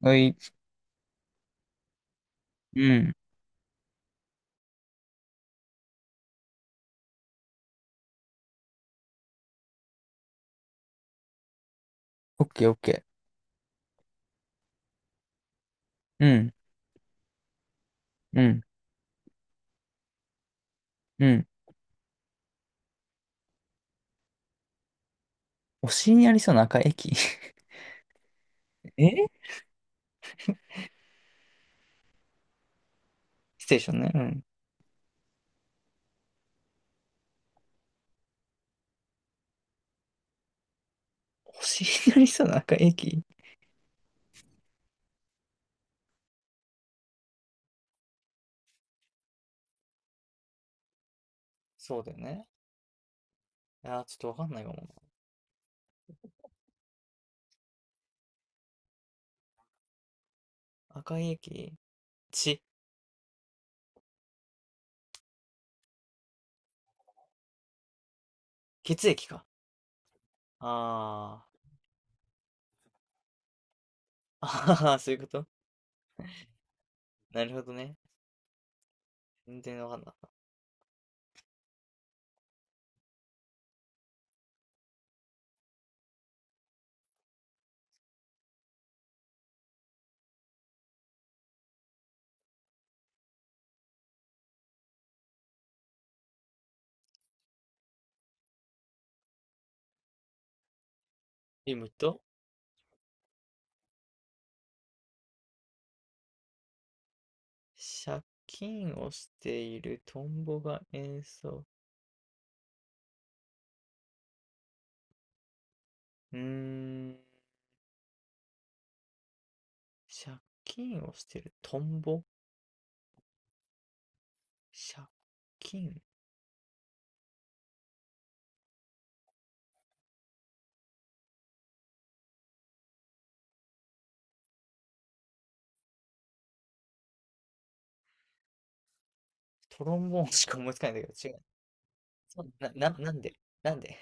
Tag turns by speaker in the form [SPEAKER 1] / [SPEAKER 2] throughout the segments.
[SPEAKER 1] はい。うん。オッケーオッケー。うん。うん。うん。お尻にありそうな赤い駅。 え、ステーションね。うん。お尻にありそうな赤い駅、そうだよね。あー、ちょっとわかんないかもな。赤い駅、血、血液か。あー。あは、そういうこと。なるほどね。全然わかんなかった。今、借金をしているトンボが演奏。うーん。借金をしているトンボ、借金、トロンボーンしか思いつかないんだけど、違う？そうな、な、なんで、なんで？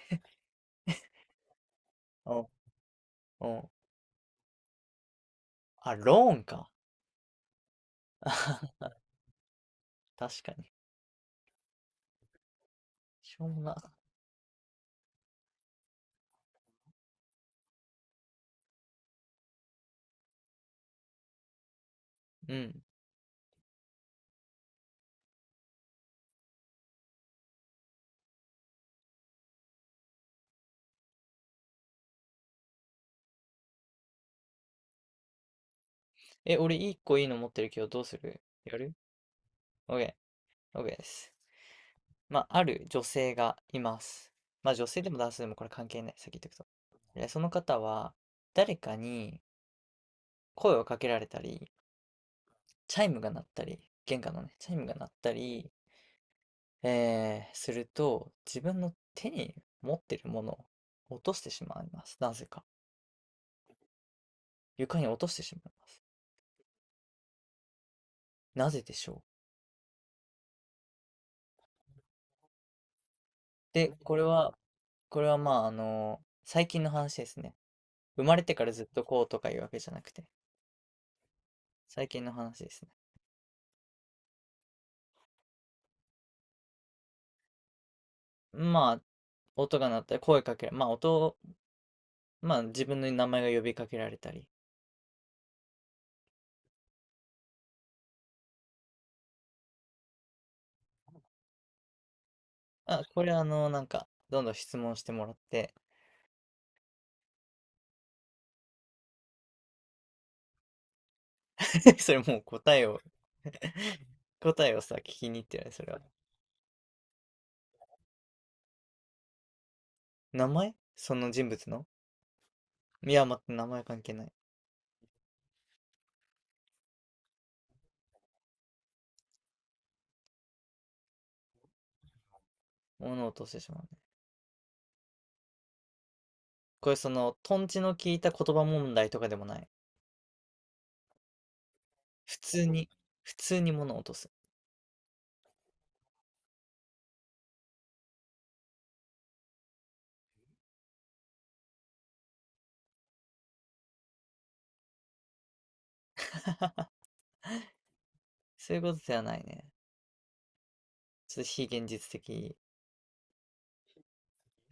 [SPEAKER 1] お、お、あ、ローンか。あはは、確かに。しょうもな。うん。え、俺一個いいの持ってるけど、どうする？やる？ OK。OK です。まあ、ある女性がいます。まあ、女性でも男性でもこれ関係ない。先言っとくと。でその方は、誰かに声をかけられたり、チャイムが鳴ったり、玄関のね、チャイムが鳴ったり、すると、自分の手に持ってるものを落としてしまいます。なぜか。床に落としてしまいます。なぜでしょう。で、これは、これはまあ、最近の話ですね。生まれてからずっとこうとかいうわけじゃなくて、最近の話ですね。まあ、音が鳴ったり、声かけら、まあ、音を、まあ、自分の名前が呼びかけられたり。あ、これなんか、どんどん質問してもらって、それもう答えを。 答えをさ、聞きに行ってるね、それは。名前、その人物の、いや、待って、名前関係ない。物を落としてしまうね。これ、その、トンチの効いた言葉問題とかでもない。普通に、普通に物を落とす。そういうことではないね。ちょっと非現実的。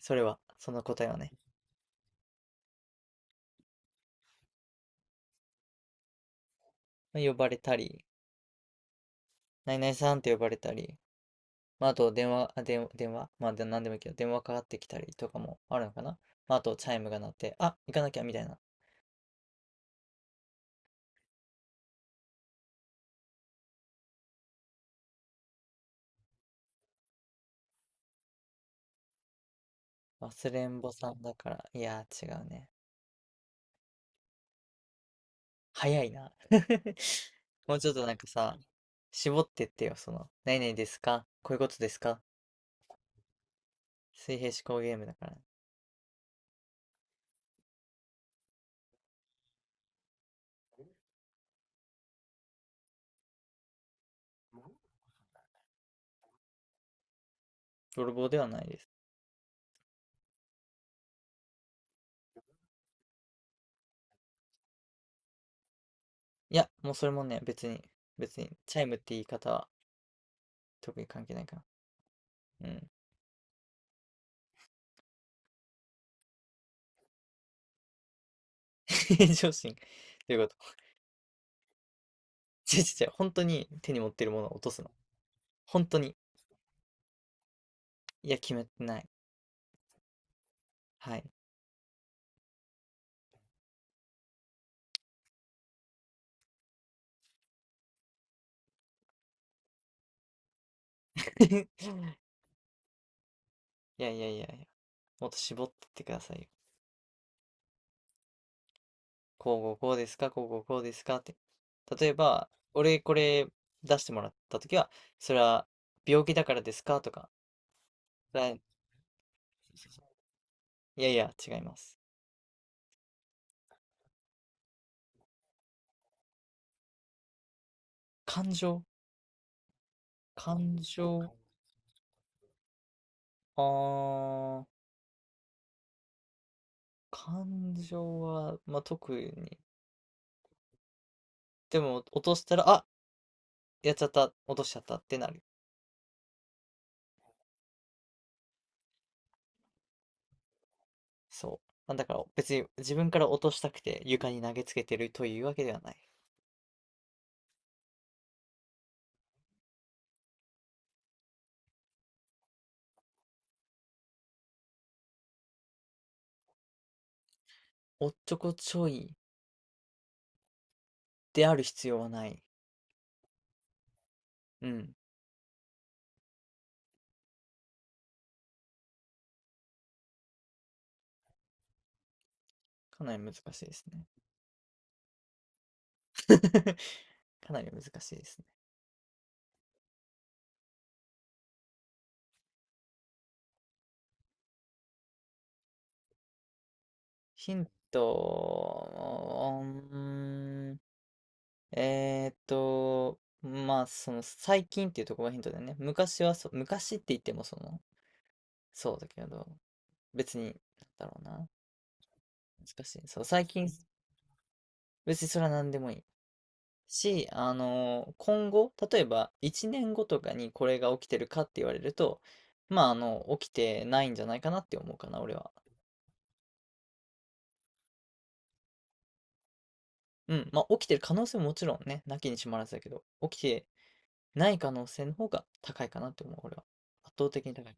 [SPEAKER 1] それは、その答えはね。まあ呼ばれたり、何々さんって呼ばれたり、まあ、あと、電話、あ、電、電話、まあ、で何でもいいけど、電話かかってきたりとかもあるのかな。まあ、あと、チャイムが鳴って、あ、行かなきゃ、みたいな。忘れんぼさんだから、いやー、違うね。早いな。もうちょっとなんかさ、絞ってってよ、その、何々ですか、こういうことですか水平思考ゲームだから。泥棒ではないです。いや、もうそれもね、別に、別に、チャイムって言い方は特に関係ないから。うん。平常心。ということ。ちょちょちょ、本当に手に持ってるものを落とすの？本当に。いや、決めてない。はい。いやいやいやいや、もっと絞ってってくださいよ。こうこうこうですか、こうこうこうですかって。例えば、俺これ出してもらったときは、それは病気だからですかとか、だい、いやいや、違います。感情？感情、あー、感情は、まあ、特に。でも、落としたら、あ、やっちゃった、落としちゃったってなる。そう。なんだから、別に自分から落としたくて床に投げつけてるというわけではない。おっちょこちょいである必要はない。うん。かなり難しいですね。かなり難しいですね。ヒント、うーん、まあ、その最近っていうところがヒントだよね。昔はそ、昔って言ってもその、そうだけど、別に、なんだろうな。難しい。そう、最近、別にそれは何でもいい。し、今後、例えば1年後とかにこれが起きてるかって言われると、まあ、起きてないんじゃないかなって思うかな、俺は。うん、まあ、起きてる可能性ももちろんね、なきにしもあらずだけど、起きてない可能性の方が高いかなって思う、俺は。圧倒的に高い。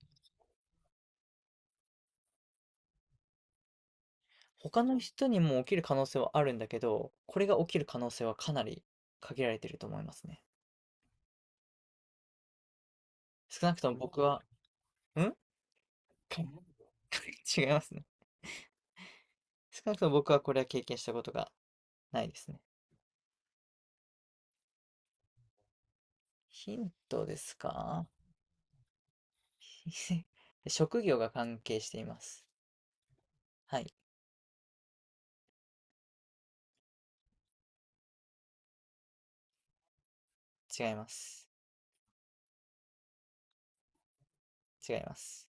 [SPEAKER 1] 他の人にも起きる可能性はあるんだけど、これが起きる可能性はかなり限られてると思いますね。少なくとも僕は、うん。 違いますね。少なくとも僕はこれは経験したことがないですね。ヒントですか？ 職業が関係しています。はい、違います。違います。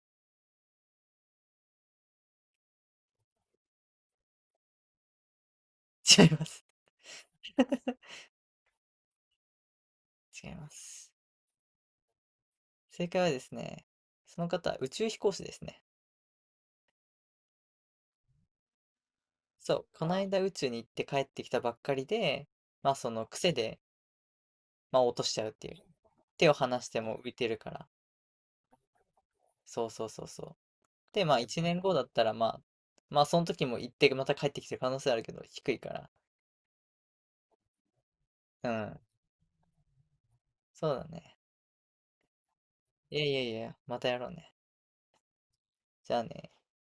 [SPEAKER 1] 違います。違います。正解はですね、その方、宇宙飛行士ですね。そう、この間宇宙に行って帰ってきたばっかりで、まあその癖で、まあ落としちゃうっていう。手を離しても浮いてるから。そうそうそうそう。で、まあ1年後だったら、まあ、まあその時も行ってまた帰ってきてる可能性あるけど、低いから。うん、そうだね。いやいやいや、またやろうね。じゃあね。